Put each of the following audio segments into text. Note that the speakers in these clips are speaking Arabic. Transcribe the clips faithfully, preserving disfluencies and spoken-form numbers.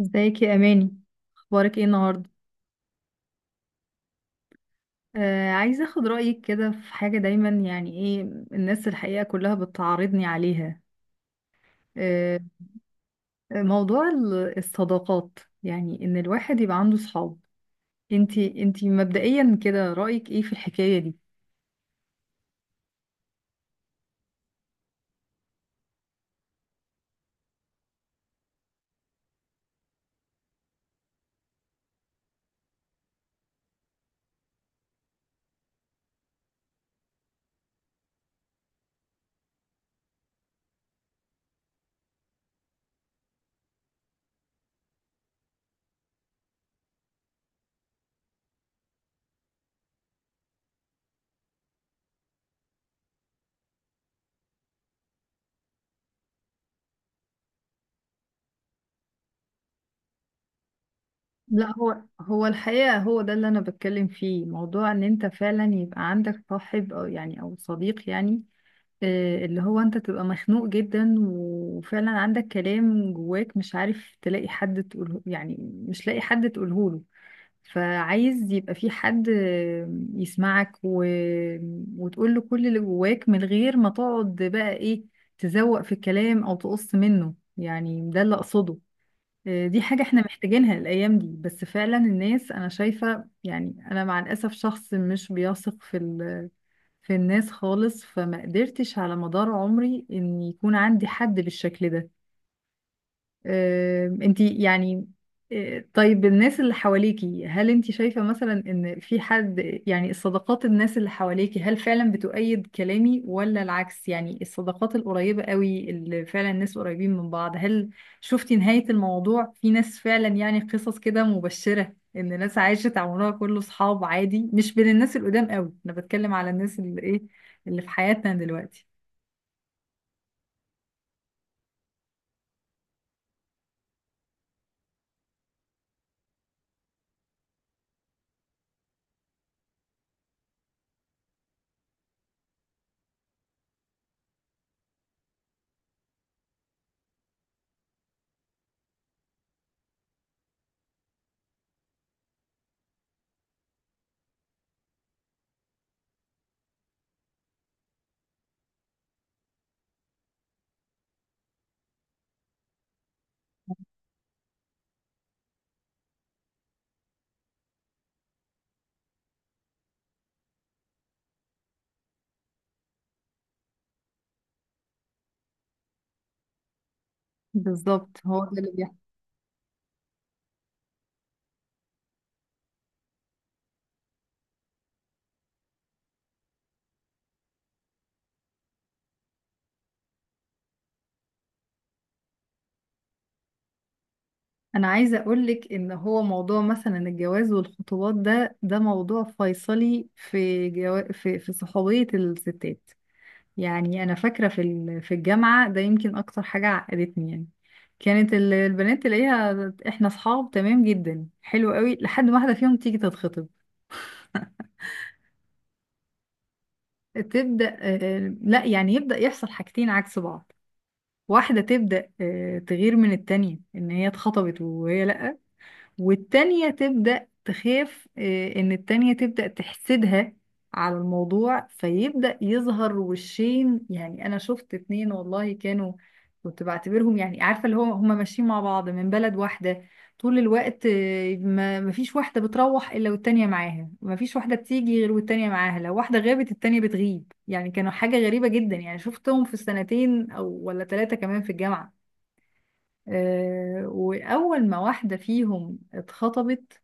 ازيك يا اماني؟ اخبارك ايه النهارده؟ آه، عايزه اخد رايك كده في حاجه، دايما يعني ايه الناس الحقيقه كلها بتعارضني عليها. آه، موضوع ال- الصداقات، يعني ان الواحد يبقى عنده صحاب. انتي انتي مبدئيا كده رايك ايه في الحكايه دي؟ لا، هو هو الحقيقه هو ده اللي انا بتكلم فيه، موضوع ان انت فعلا يبقى عندك صاحب او يعني او صديق. يعني آه، اللي هو انت تبقى مخنوق جدا وفعلا عندك كلام جواك مش عارف تلاقي حد تقوله، يعني مش لاقي حد تقوله له. فعايز يبقى في حد آه، يسمعك و... وتقول له كل اللي جواك من غير ما تقعد بقى ايه، تزوق في الكلام او تقص منه. يعني ده اللي اقصده. آه، دي حاجة احنا محتاجينها الأيام دي، بس فعلا الناس أنا شايفة، يعني أنا مع الأسف شخص مش بيثق في ال في الناس خالص، فما قدرتش على مدار عمري إن يكون عندي حد بالشكل ده. آه، انتي يعني؟ آه، طيب الناس اللي حواليكي هل انتي شايفة مثلا ان في حد، يعني الصداقات، الناس اللي حواليكي هل فعلا بتؤيد كلامي ولا العكس؟ يعني الصداقات القريبة قوي اللي فعلا الناس قريبين من بعض، هل شفتي نهاية الموضوع؟ في ناس فعلا يعني قصص كده مبشرة ان ناس عاشت عمرها كله صحاب عادي؟ مش بين الناس القدام قوي، انا بتكلم على الناس اللي ايه، اللي في حياتنا دلوقتي. بالظبط هو ده اللي انا عايزه اقولك. ان هو موضوع مثلا الجواز والخطوبات ده، ده موضوع فيصلي في جو... في في صحوبيه الستات. يعني انا فاكره في ال- في الجامعه ده يمكن اكتر حاجه عقدتني. يعني كانت ال- البنات تلاقيها احنا اصحاب تمام جدا، حلو قوي، لحد ما واحده فيهم تيجي تتخطب. تبدا آه، لا يعني يبدا يحصل حاجتين عكس بعض. واحده تبدا آه، تغير من التانية ان هي اتخطبت وهي لا، والتانية تبدأ تخاف آه، إن التانية تبدأ تحسدها على الموضوع، فيبدأ يظهر وشين. يعني أنا شفت اتنين والله كانوا، كنت بعتبرهم يعني عارفة اللي هو هما ماشيين مع بعض من بلد واحدة طول الوقت، آه، ما مفيش واحدة بتروح إلا والتانية معاها، مفيش واحدة بتيجي غير والتانية معاها، لو واحدة غابت التانية بتغيب. يعني كانوا حاجة غريبة جدا، يعني شفتهم في السنتين أو ولا ثلاثة كمان في الجامعة. آه، وأول ما واحدة فيهم اتخطبت،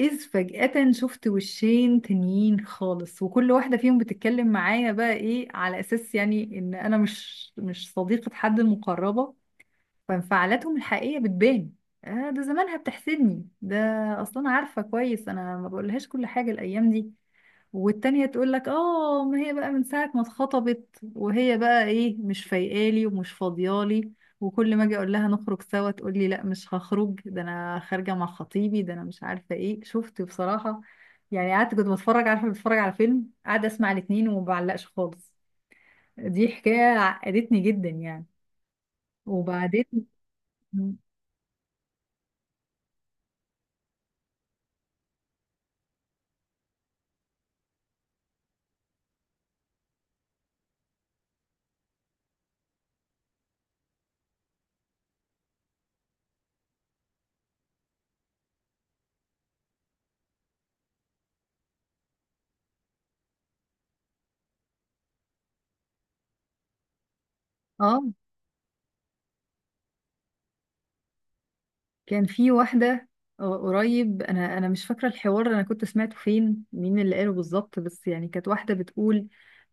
إذ فجأة شفت وشين تانيين خالص، وكل واحدة فيهم بتتكلم معايا بقى إيه على أساس يعني إن أنا مش مش صديقة حد المقربة، فانفعالاتهم الحقيقية بتبان. آه، ده زمانها بتحسدني ده، أصلا عارفة كويس أنا ما بقولهاش كل حاجة الأيام دي. والتانية تقول لك اه، ما هي بقى من ساعة ما اتخطبت وهي بقى ايه مش فايقالي ومش فاضيالي، وكل ما اجي اقول لها نخرج سوا تقول لي لا مش هخرج، ده انا خارجة مع خطيبي، ده انا مش عارفة ايه. شفت بصراحة؟ يعني قعدت كنت بتفرج، عارفة بتفرج على فيلم، قاعدة اسمع الاتنين وما بعلقش خالص. دي حكاية عقدتني جدا يعني. وبعدين اه كان في واحدة، قريب انا انا مش فاكرة الحوار، انا كنت سمعته فين مين اللي قاله بالظبط، بس يعني كانت واحدة بتقول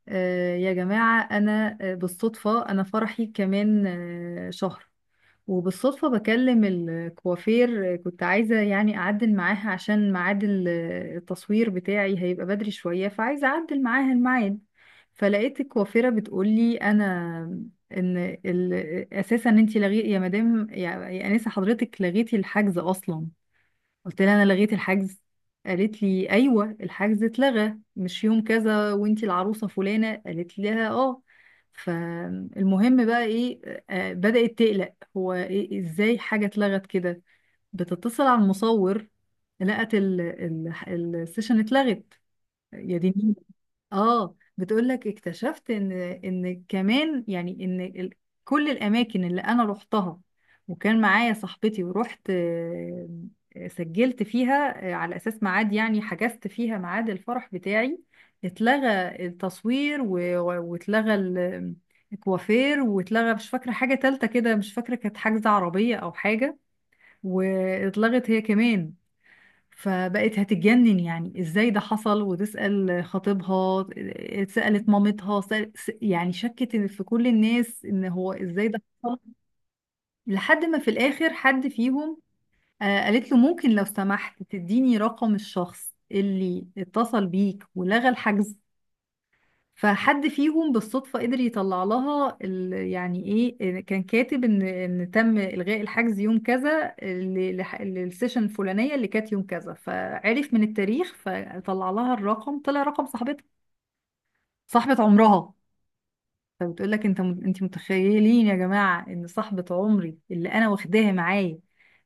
آه، يا جماعة أنا آه، بالصدفة أنا فرحي كمان آه، شهر، وبالصدفة بكلم الكوافير آه، كنت عايزة يعني أعدل معاها عشان ميعاد ال- آه، التصوير بتاعي هيبقى بدري شوية فعايزة أعدل معاها الميعاد. فلقيت الكوافيرة بتقولي أنا إن ال- أساسا أنتي لغي يا مدام يا يا أنسة، حضرتك لغيتي الحجز أصلا. قلت لها انا لغيت الحجز؟ قالت لي ايوه الحجز اتلغى مش يوم كذا، وانتي العروسه فلانه. قالت لها اه. فالمهم بقى ايه، آه، بدأت تقلق هو إيه ازاي حاجه اتلغت كده؟ بتتصل على المصور، لقت ال- ال- السيشن اتلغت. يا ديني! اه، بتقولك اكتشفت ان، ان كمان يعني ان ال- كل الاماكن اللي انا روحتها وكان معايا صاحبتي ورحت آه، آه، سجلت فيها آه، على اساس ميعاد، يعني حجزت فيها ميعاد الفرح بتاعي، اتلغى التصوير و- و- واتلغى ال- الكوافير، واتلغى مش فاكرة حاجة تالتة كده، مش فاكرة كانت حجز عربية او حاجة، واتلغت هي كمان. فبقت هتتجنن يعني ازاي ده حصل، وتسأل خطيبها، سألت مامتها، سأل س- يعني شكت في كل الناس ان هو ازاي ده حصل. لحد ما في الاخر حد فيهم آه، قالت له ممكن لو سمحت تديني رقم الشخص اللي اتصل بيك ولغى الحجز. فحد فيهم بالصدفة قدر يطلع لها ال- يعني ايه كان كاتب ان ان تم إلغاء الحجز يوم كذا ل- لح- للسيشن الفلانية اللي كانت يوم كذا، فعرف من التاريخ، فطلع لها الرقم، طلع رقم صاحبتها، صاحبة عمرها. فبتقول لك انت م- انت متخيلين يا جماعة ان صاحبة عمري اللي انا واخداها معايا،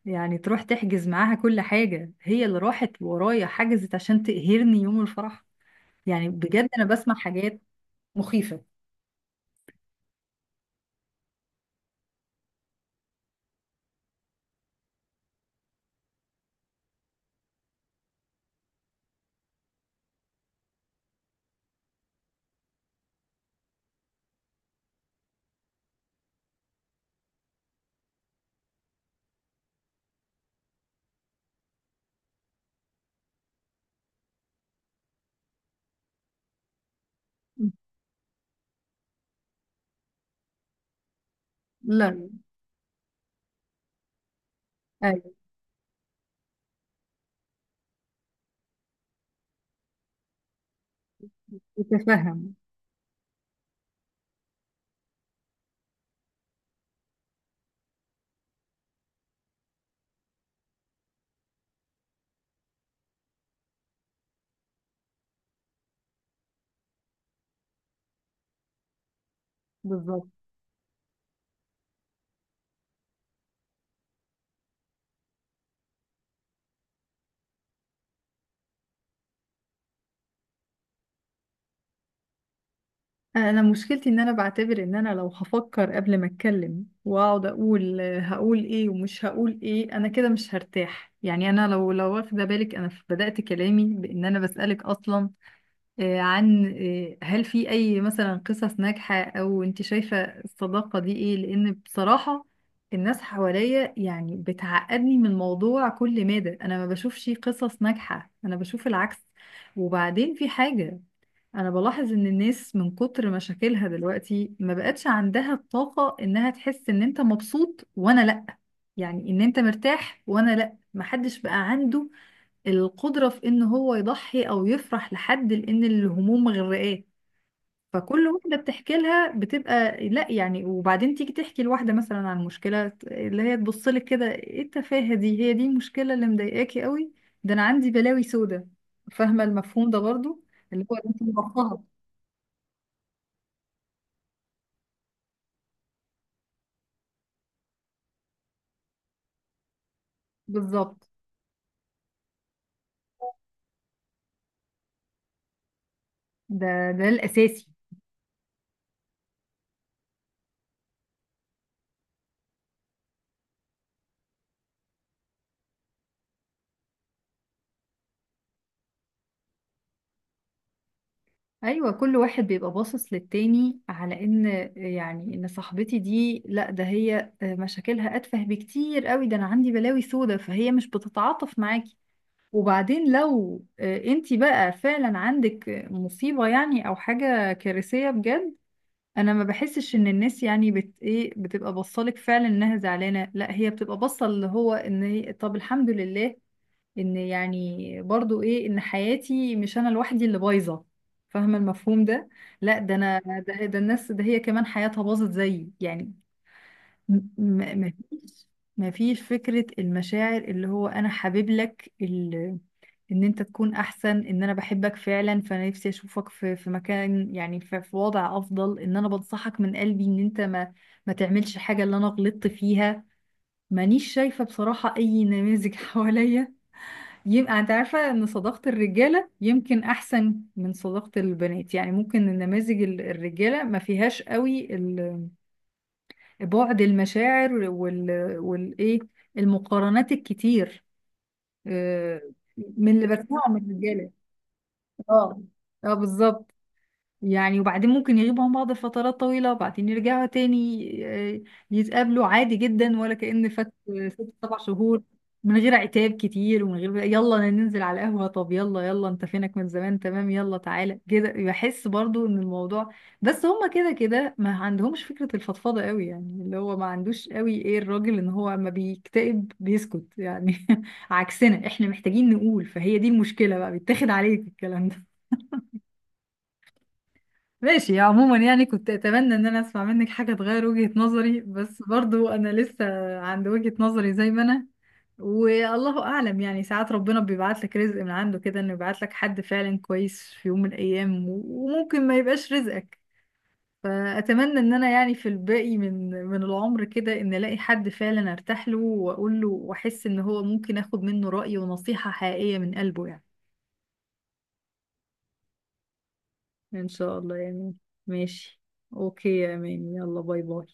يعني تروح تحجز معاها كل حاجة، هي اللي راحت ورايا حجزت عشان تقهرني يوم الفرح. يعني بجد انا بسمع حاجات مخيفة. لا، ايوه. تتفهم بالظبط. انا مشكلتي ان انا بعتبر ان انا لو هفكر قبل ما اتكلم واقعد اقول آه، هقول ايه ومش هقول ايه، انا كده مش هرتاح. يعني انا لو لو واخده بالك انا ف- بدأت كلامي بان انا بسألك اصلا آه، عن آه، هل في اي مثلا قصص ناجحة، او انت شايفة الصداقة دي ايه؟ لان بصراحة الناس حواليا يعني بتعقدني من الموضوع، كل مادة انا ما بشوفش قصص ناجحة، انا بشوف العكس. وبعدين في حاجة، انا بلاحظ ان الناس من كتر مشاكلها دلوقتي ما بقتش عندها الطاقة انها تحس ان انت مبسوط وانا لا، يعني ان انت مرتاح وانا لا، محدش بقى عنده القدرة في ان هو يضحي او يفرح لحد، لان الهموم مغرقاه. فكل واحدة بتحكي لها بتبقى لا، يعني وبعدين تيجي تحكي لواحدة مثلا عن مشكلة، اللي هي تبص لك كده ايه التفاهة دي، هي دي المشكلة اللي مضايقاكي قوي، ده انا عندي بلاوي سودة. فاهمة المفهوم ده برضو، اللي هو انت مضخها. بالظبط، ده ده الأساسي. أيوة، كل واحد بيبقى باصص للتاني على إن، يعني إن صاحبتي دي لأ، ده هي آه، مشاكلها أتفه بكتير قوي، ده أنا عندي بلاوي سودة، فهي مش بتتعاطف معاكي. وبعدين لو انتي بقى فعلا عندك مصيبة يعني أو حاجة كارثية بجد، أنا ما بحسش إن الناس يعني بت إيه بتبقى باصة لك فعلا إنها زعلانة، لأ هي بتبقى باصة اللي هو إن هي طب الحمد لله ان يعني برضو ايه ان حياتي، مش انا لوحدي اللي بايظه. فاهمه المفهوم ده؟ لا ده انا، ده, ده الناس، ده هي كمان حياتها باظت زيي يعني. م- م- مفيش، مفيش فكره المشاعر اللي هو انا حابب لك ال- ان انت تكون احسن، ان انا بحبك فعلا فانا نفسي اشوفك في في مكان، يعني في, في وضع افضل، ان انا بنصحك من قلبي ان انت ما، ما تعملش حاجه اللي انا غلطت فيها. مانيش شايفه بصراحه اي نماذج حواليا. يبقى انت عارفة ان صداقة الرجالة يمكن احسن من صداقة البنات؟ يعني ممكن النماذج ال- الرجالة ما فيهاش قوي ال- بعد المشاعر وال والايه، المقارنات الكتير. آه، من اللي بسمعه من الرجالة. اه، اه بالظبط. يعني وبعدين ممكن يغيبوا عن بعض فترات طويلة وبعدين يرجعوا تاني، آه، يتقابلوا عادي جدا ولا كأن فات ست سبع شهور، من غير عتاب كتير ومن غير يلا ننزل على القهوة، طب يلا يلا انت فينك من زمان، تمام يلا تعالى كده. بحس برضو ان الموضوع، بس هما كده كده ما عندهمش فكرة الفضفضة قوي. يعني اللي هو ما عندوش قوي ايه الراجل ان هو اما بيكتئب بيسكت يعني عكسنا احنا محتاجين نقول، فهي دي المشكلة بقى، بيتاخد عليك الكلام. ماشي. عموما يعني كنت اتمنى ان انا اسمع منك حاجة تغير وجهة نظري، بس برضو انا لسه عند وجهة نظري زي ما انا. والله اعلم يعني، ساعات ربنا بيبعت لك رزق من عنده كده انه يبعت لك حد فعلا كويس في يوم من الايام، و- وممكن ما يبقاش رزقك. فاتمنى ان انا يعني في الباقي من من العمر كده ان الاقي حد فعلا ارتاح له واقول له واحس ان هو ممكن اخد منه رأي ونصيحة حقيقية من قلبه يعني. ان شاء الله يعني. ماشي، اوكي يا اماني، يلا باي باي.